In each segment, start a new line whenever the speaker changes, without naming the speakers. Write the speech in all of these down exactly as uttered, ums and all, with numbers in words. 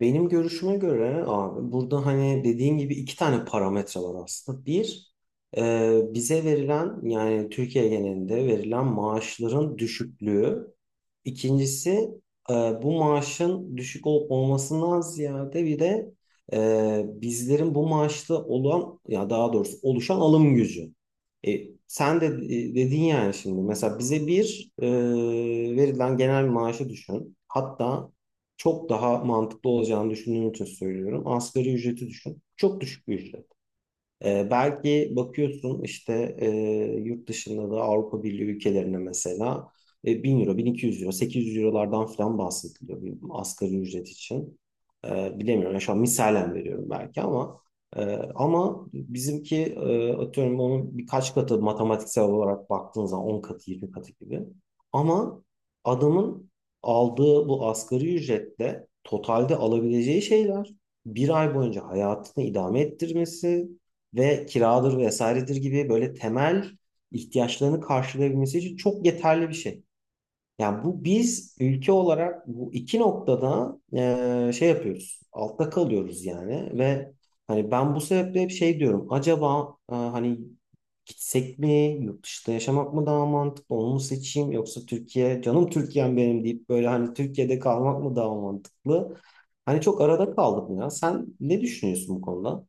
Benim görüşüme göre abi burada hani dediğin gibi iki tane parametre var aslında. Bir, e, bize verilen yani Türkiye genelinde verilen maaşların düşüklüğü. İkincisi, e, bu maaşın düşük olup olmasından ziyade bir de e, bizlerin bu maaşta olan ya daha doğrusu oluşan alım gücü. E, Sen de e, dedin yani. Şimdi mesela bize bir e, verilen genel maaşı düşün. Hatta çok daha mantıklı olacağını düşündüğüm için söylüyorum, asgari ücreti düşün. Çok düşük bir ücret. Ee, belki bakıyorsun işte, e, yurt dışında da Avrupa Birliği ülkelerine mesela e, bin euro, bin iki yüz euro, sekiz yüz eurolardan falan bahsediliyor bir asgari ücret için. Ee, bilemiyorum. Yani şu an misalen veriyorum belki ama e, ama bizimki, e, atıyorum onun birkaç katı, matematiksel olarak baktığın zaman on katı, yirmi katı gibi. Ama adamın aldığı bu asgari ücretle totalde alabileceği şeyler, bir ay boyunca hayatını idame ettirmesi ve kiradır vesairedir gibi böyle temel ihtiyaçlarını karşılayabilmesi için çok yeterli bir şey. Yani bu biz ülke olarak bu iki noktada e, şey yapıyoruz, altta kalıyoruz yani. Ve hani ben bu sebeple hep şey diyorum: acaba e, hani gitsek mi, yurt dışında yaşamak mı daha mantıklı, onu mu seçeyim, yoksa Türkiye, canım Türkiye'm benim deyip böyle hani Türkiye'de kalmak mı daha mantıklı? Hani çok arada kaldım ya. Sen ne düşünüyorsun bu konuda?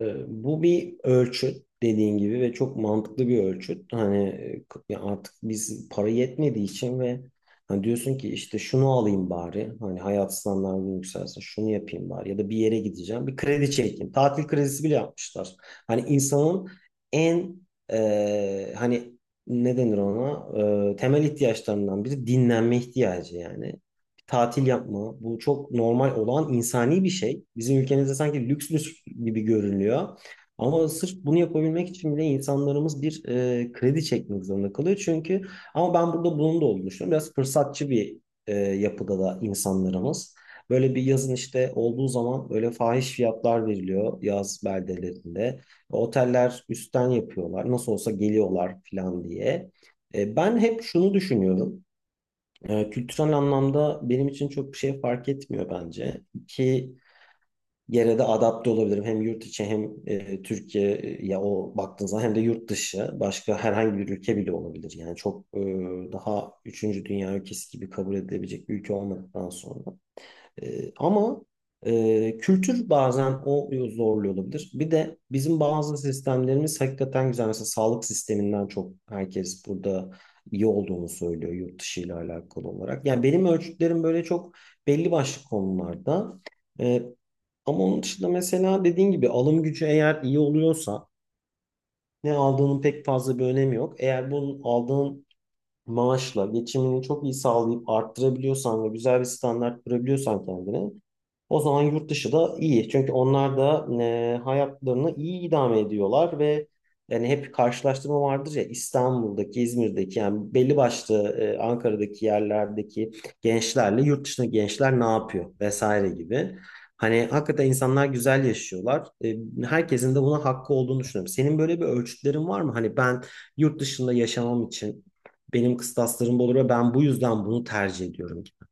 Ee, Bu bir ölçüt dediğin gibi ve çok mantıklı bir ölçüt. Hani e, k- ya artık biz para yetmediği için ve hani diyorsun ki işte şunu alayım bari, hani hayat standartım yükselsin şunu yapayım bari, ya da bir yere gideceğim bir kredi çekeyim. Tatil kredisi bile yapmışlar. Hani insanın en, e, hani ne denir ona, E, temel ihtiyaçlarından biri dinlenme ihtiyacı, yani tatil yapma. Bu çok normal olan insani bir şey. Bizim ülkemizde sanki lüks lüks gibi görünüyor. Ama sırf bunu yapabilmek için bile insanlarımız bir e, kredi çekmek zorunda kalıyor. Çünkü ama ben burada bunun da olduğunu düşünüyorum. Biraz fırsatçı bir e, yapıda da insanlarımız. Böyle bir yazın işte olduğu zaman böyle fahiş fiyatlar veriliyor yaz beldelerinde. Oteller üstten yapıyorlar. Nasıl olsa geliyorlar falan diye. E, ben hep şunu düşünüyorum. Ee, kültürel anlamda benim için çok bir şey fark etmiyor bence. İki yere de adapte olabilirim. Hem yurt içi hem e, Türkiye, e, ya o baktığın zaman hem de yurt dışı, başka herhangi bir ülke bile olabilir. Yani çok e, daha üçüncü dünya ülkesi gibi kabul edilebilecek bir ülke olmadıktan sonra. Ee, ama e, kültür bazen o zorluyor olabilir. Bir de bizim bazı sistemlerimiz hakikaten güzel. Mesela sağlık sisteminden çok herkes burada iyi olduğunu söylüyor yurt dışı ile alakalı olarak. Yani benim ölçütlerim böyle çok belli başlı konularda. Ee, Ama onun dışında mesela dediğin gibi alım gücü eğer iyi oluyorsa ne aldığının pek fazla bir önemi yok. Eğer bunun, aldığın maaşla geçimini çok iyi sağlayıp arttırabiliyorsan ve güzel bir standart kurabiliyorsan kendine, o zaman yurt dışı da iyi. Çünkü onlar da e, hayatlarını iyi idame ediyorlar. Ve yani hep karşılaştırma vardır ya, İstanbul'daki, İzmir'deki yani belli başlı e, Ankara'daki yerlerdeki gençlerle yurt dışındaki gençler ne yapıyor vesaire gibi. Hani hakikaten insanlar güzel yaşıyorlar. E, herkesin de buna hakkı olduğunu düşünüyorum. Senin böyle bir ölçütlerin var mı? Hani, ben yurt dışında yaşamam için benim kıstaslarımda olur ve ben bu yüzden bunu tercih ediyorum gibi.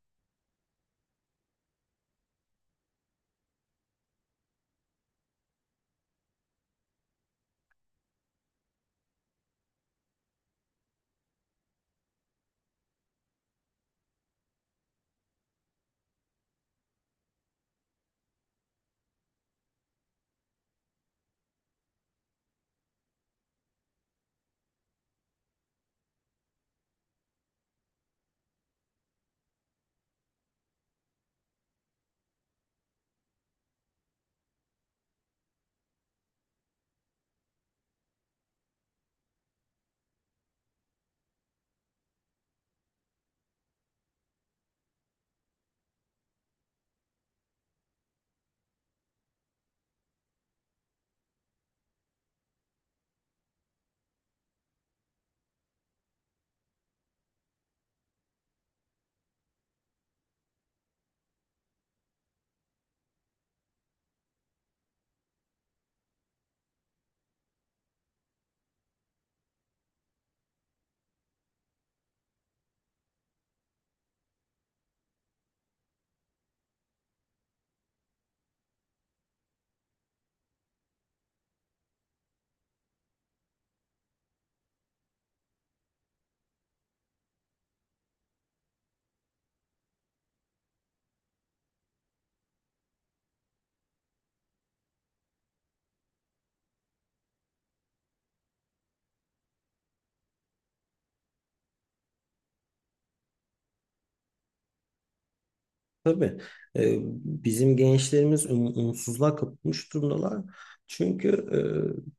Tabii, e, bizim gençlerimiz um- umutsuzluğa kapılmış durumdalar. Çünkü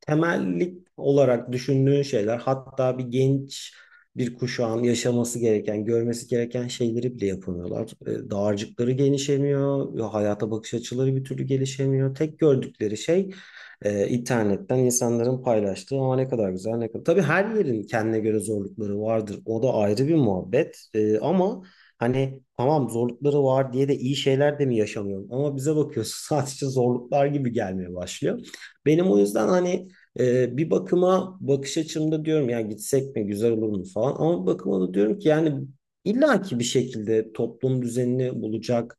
e, temellik olarak düşündüğün şeyler, hatta bir genç bir kuşağın yaşaması gereken, görmesi gereken şeyleri bile yapamıyorlar. E, dağarcıkları genişlemiyor, hayata bakış açıları bir türlü gelişemiyor. Tek gördükleri şey e, internetten insanların paylaştığı ama ne kadar güzel ne kadar. Tabii her yerin kendine göre zorlukları vardır, o da ayrı bir muhabbet. E, ama hani, tamam zorlukları var diye de iyi şeyler de mi yaşamıyorum? Ama bize bakıyorsun sadece zorluklar gibi gelmeye başlıyor. Benim o yüzden hani, e, bir bakıma bakış açımda diyorum ya gitsek mi, güzel olur mu falan. Ama bir bakıma da diyorum ki yani illaki bir şekilde toplum düzenini bulacak,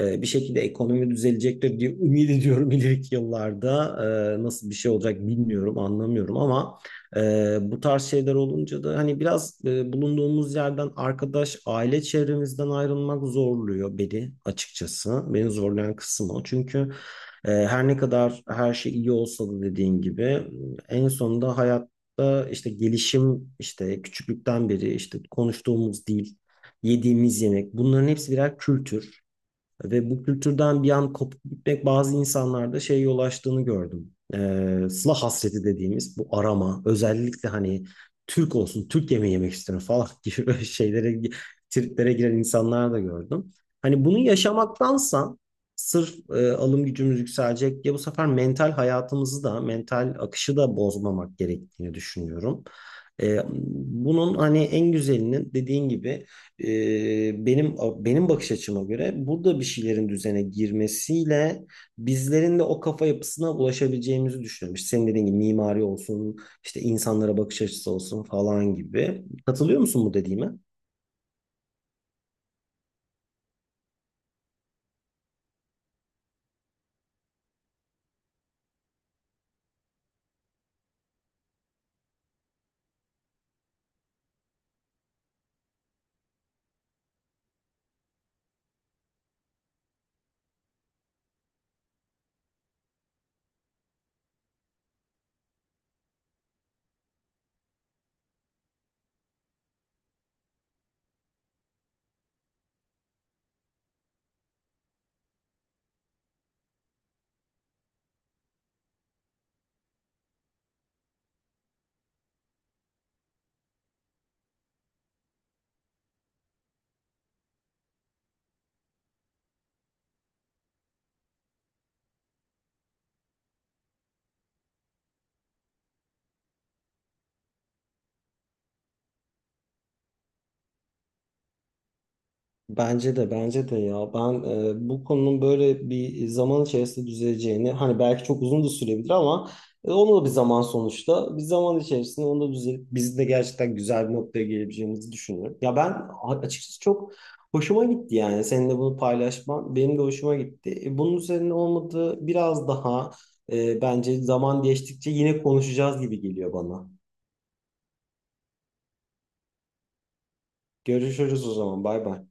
e, bir şekilde ekonomi düzelecektir diye ümit ediyorum ileriki yıllarda. E, nasıl bir şey olacak bilmiyorum, anlamıyorum, ama ee, bu tarz şeyler olunca da hani biraz e, bulunduğumuz yerden, arkadaş, aile çevremizden ayrılmak zorluyor beni açıkçası. Beni zorlayan kısım o. Çünkü e, her ne kadar her şey iyi olsa da dediğin gibi, en sonunda hayatta işte gelişim, işte küçüklükten beri işte konuştuğumuz dil, yediğimiz yemek, bunların hepsi birer kültür. Ve bu kültürden bir an kopup gitmek bazı insanlarda şeye yol açtığını gördüm. Ee, sıla hasreti dediğimiz bu arama, özellikle hani Türk olsun, Türk yemeği yemek istiyorum falan gibi böyle şeylere, triplere giren insanlar da gördüm. Hani bunu yaşamaktansa sırf e, alım gücümüz yükselecek diye bu sefer mental hayatımızı da, mental akışı da bozmamak gerektiğini düşünüyorum. Ee, Bunun hani en güzelinin, dediğin gibi, e, benim benim bakış açıma göre burada bir şeylerin düzene girmesiyle bizlerin de o kafa yapısına ulaşabileceğimizi düşünüyorum. İşte senin dediğin gibi mimari olsun, işte insanlara bakış açısı olsun falan gibi. Katılıyor musun bu dediğime? Bence de bence de ya ben, e, bu konunun böyle bir zaman içerisinde düzeleceğini, hani belki çok uzun da sürebilir ama e, onu da bir zaman, sonuçta bir zaman içerisinde onu da düzelip bizim de gerçekten güzel bir noktaya gelebileceğimizi düşünüyorum. Ya ben a- açıkçası çok hoşuma gitti, yani seninle bunu paylaşman benim de hoşuma gitti. E, bunun üzerine olmadı biraz daha, e, bence zaman geçtikçe yine konuşacağız gibi geliyor bana. Görüşürüz o zaman, bay bay.